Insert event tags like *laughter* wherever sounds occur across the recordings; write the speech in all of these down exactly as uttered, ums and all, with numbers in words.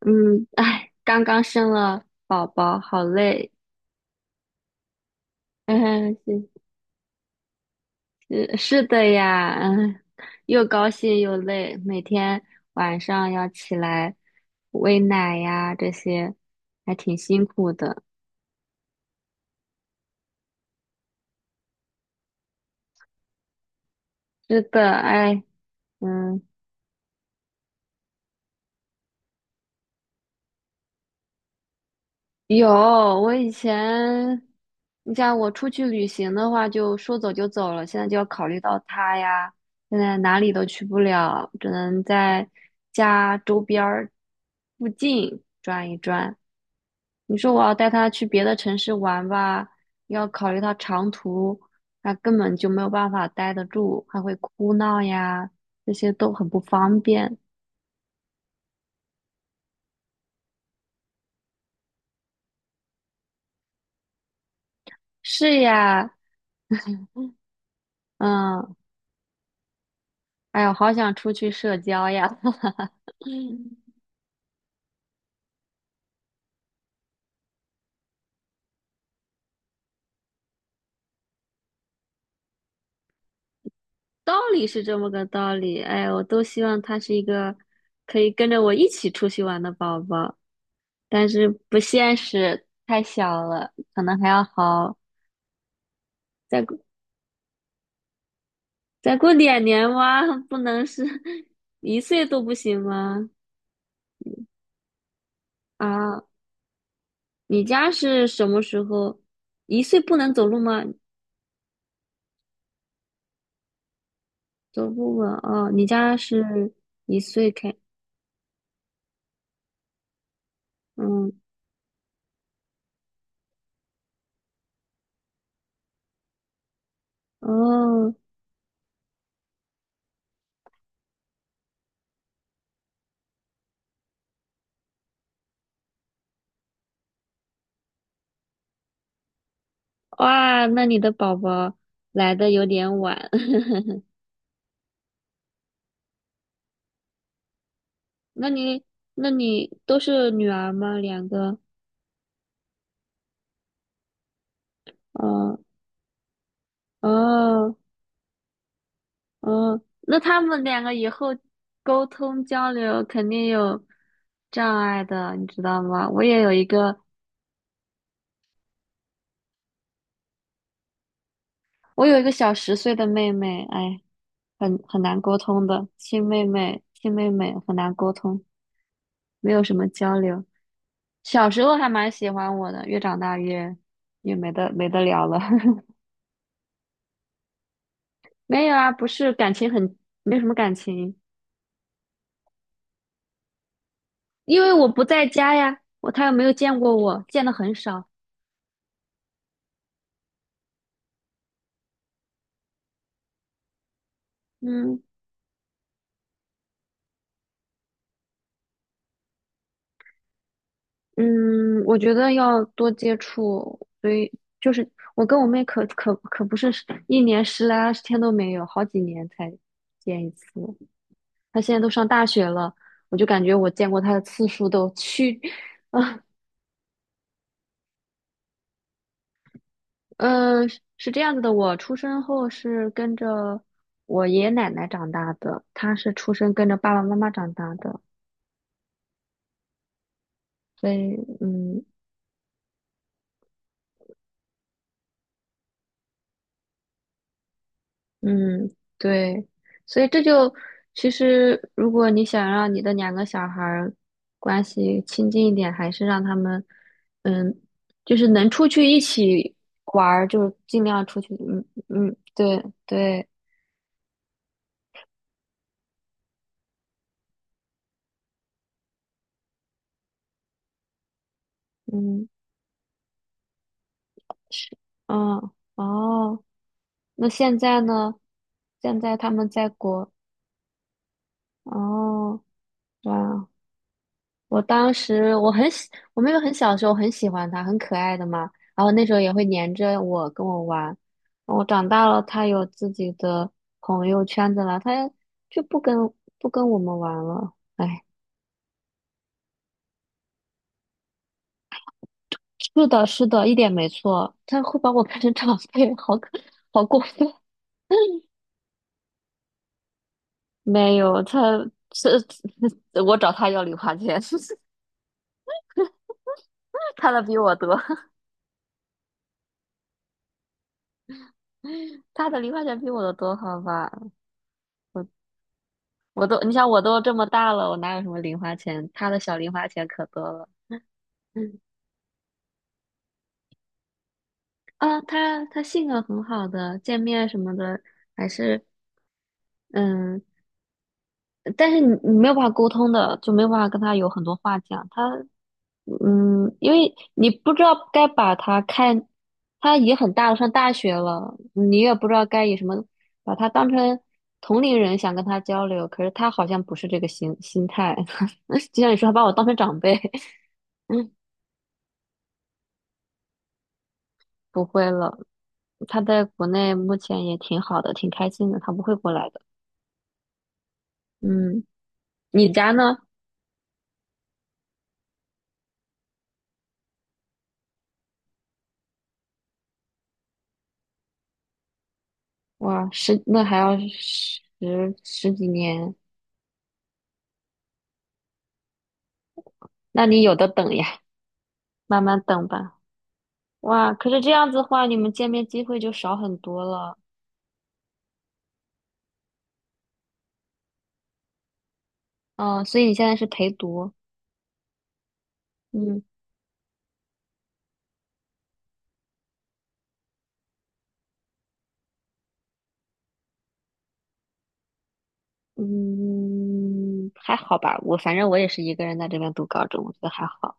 嗯，哎，刚刚生了宝宝，好累。嗯，是是是的呀，嗯，又高兴又累，每天晚上要起来喂奶呀，这些还挺辛苦的。是的，哎，嗯。有，我以前，你像我出去旅行的话，就说走就走了，现在就要考虑到他呀，现在哪里都去不了，只能在家周边儿附近转一转。你说我要带他去别的城市玩吧，要考虑到长途，他根本就没有办法待得住，还会哭闹呀，这些都很不方便。是呀，嗯。哎呀，好想出去社交呀！*laughs* 道理是这么个道理，哎，我都希望他是一个可以跟着我一起出去玩的宝宝，但是不现实，太小了，可能还要好，再过再过两年哇，*laughs* 不能是 *laughs* 一岁都不行吗？啊，你家是什么时候？一岁不能走路吗？走不稳哦，你家是一岁开，嗯，哦。哇，那你的宝宝来的有点晚，*laughs* 那你那你都是女儿吗？两个？嗯嗯嗯，那他们两个以后沟通交流肯定有障碍的，你知道吗？我也有一个，我有一个小十岁的妹妹，哎，很很难沟通的，亲妹妹，亲妹妹很难沟通，没有什么交流。小时候还蛮喜欢我的，越长大越越没得没得聊了。*laughs* 没有啊，不是感情很，没什么感情，因为我不在家呀，我他又没有见过我，见的很少。嗯嗯，我觉得要多接触，所以就是我跟我妹可可可不是一年十来二十天都没有，好几年才见一次。她现在都上大学了，我就感觉我见过她的次数都去，呃，是这样子的，我出生后是跟着我爷爷奶奶长大的，她是出生跟着爸爸妈妈长大的。所以，嗯嗯，对，所以这就其实，如果你想让你的两个小孩儿关系亲近一点，还是让他们，嗯，就是能出去一起玩儿，就是尽量出去，嗯嗯，对对，嗯是，嗯哦，那现在呢？现在他们在国，哦，哇。我当时我很喜，我妹妹很小的时候很喜欢它，很可爱的嘛。然后那时候也会黏着我跟我玩。我长大了，它有自己的朋友圈子了，它就不跟不跟我们玩了。哎，是的，是的，一点没错。它会把我看成长辈，好可好过分。*laughs* 没有，它是 *laughs* 我找它要零花钱，*laughs* 它的比我多，*laughs* 它的零花钱比我的多，好吧。我都，你想我都这么大了，我哪有什么零花钱？他的小零花钱可多了。嗯，啊，他他性格很好的，见面什么的还是嗯，但是你你没有办法沟通的，就没有办法跟他有很多话讲。他嗯，因为你不知道该把他看，他也很大了，上大学了，你也不知道该以什么把他当成同龄人想跟他交流，可是他好像不是这个心心态，*laughs* 就像你说，他把我当成长辈。*laughs* 不会了，他在国内目前也挺好的，挺开心的，他不会过来的。嗯，你家呢？哇，十，那还要十十几年，那你有的等呀，慢慢等吧。哇，可是这样子的话，你们见面机会就少很多了。嗯，所以你现在是陪读，嗯嗯，还好吧。我反正我也是一个人在这边读高中，我觉得还好。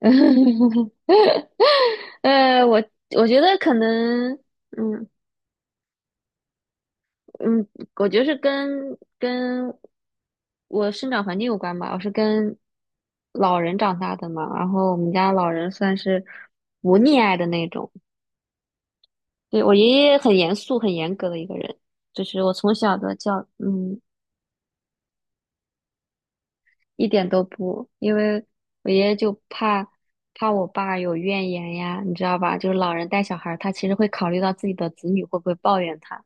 *laughs* 呃，我我觉得可能，嗯。嗯，我觉得是跟跟我生长环境有关吧。我是跟老人长大的嘛，然后我们家老人算是不溺爱的那种。对，我爷爷很严肃、很严格的一个人，就是我从小的教，嗯，一点都不，因为我爷爷就怕怕我爸有怨言呀，你知道吧？就是老人带小孩儿，他其实会考虑到自己的子女会不会抱怨他。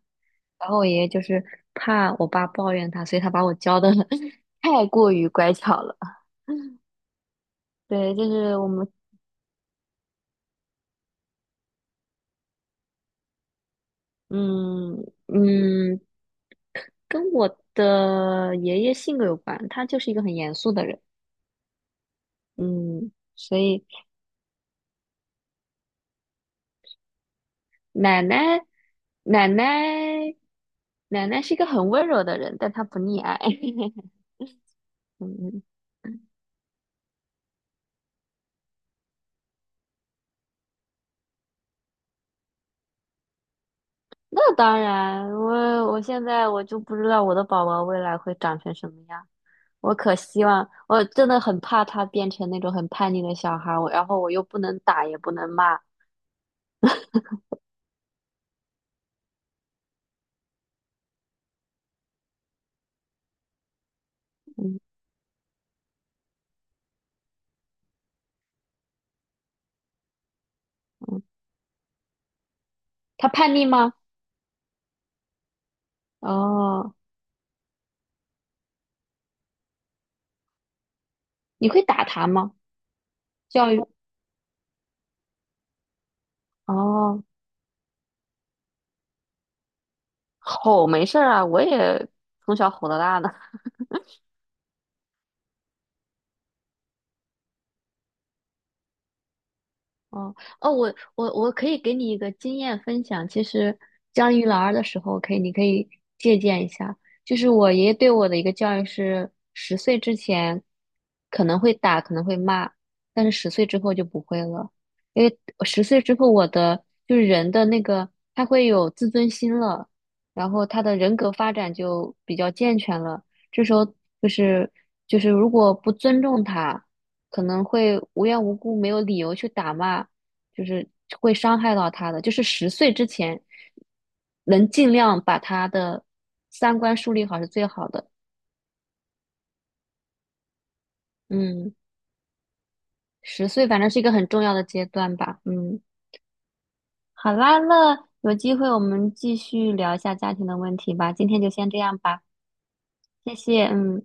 然后我爷爷就是怕我爸抱怨他，所以他把我教的 *laughs* 太过于乖巧了。对，就是我们，嗯嗯，跟我的爷爷性格有关，他就是一个很严肃的人，嗯，所以奶奶奶奶奶奶是一个很温柔的人，但她不溺爱，*laughs* 嗯，那当然，我我现在我就不知道我的宝宝未来会长成什么样。我可希望，我真的很怕他变成那种很叛逆的小孩儿，我然后我又不能打也不能骂，嗯嗯，他叛逆吗？哦，你会打他吗？教育，哦，吼没事儿啊，我也从小吼到大的。哦哦，我我我可以给你一个经验分享。其实教育老二的时候，可以你可以借鉴一下。就是我爷爷对我的一个教育是，十岁之前可能会打，可能会骂，但是十岁之后就不会了。因为十岁之后，我的就是人的那个他会有自尊心了，然后他的人格发展就比较健全了。这时候就是就是如果不尊重他，可能会无缘无故没有理由去打骂，就是会伤害到他的。就是十岁之前，能尽量把他的三观树立好是最好的。嗯，十岁反正是一个很重要的阶段吧。嗯，好啦，那有机会我们继续聊一下家庭的问题吧。今天就先这样吧，谢谢。嗯。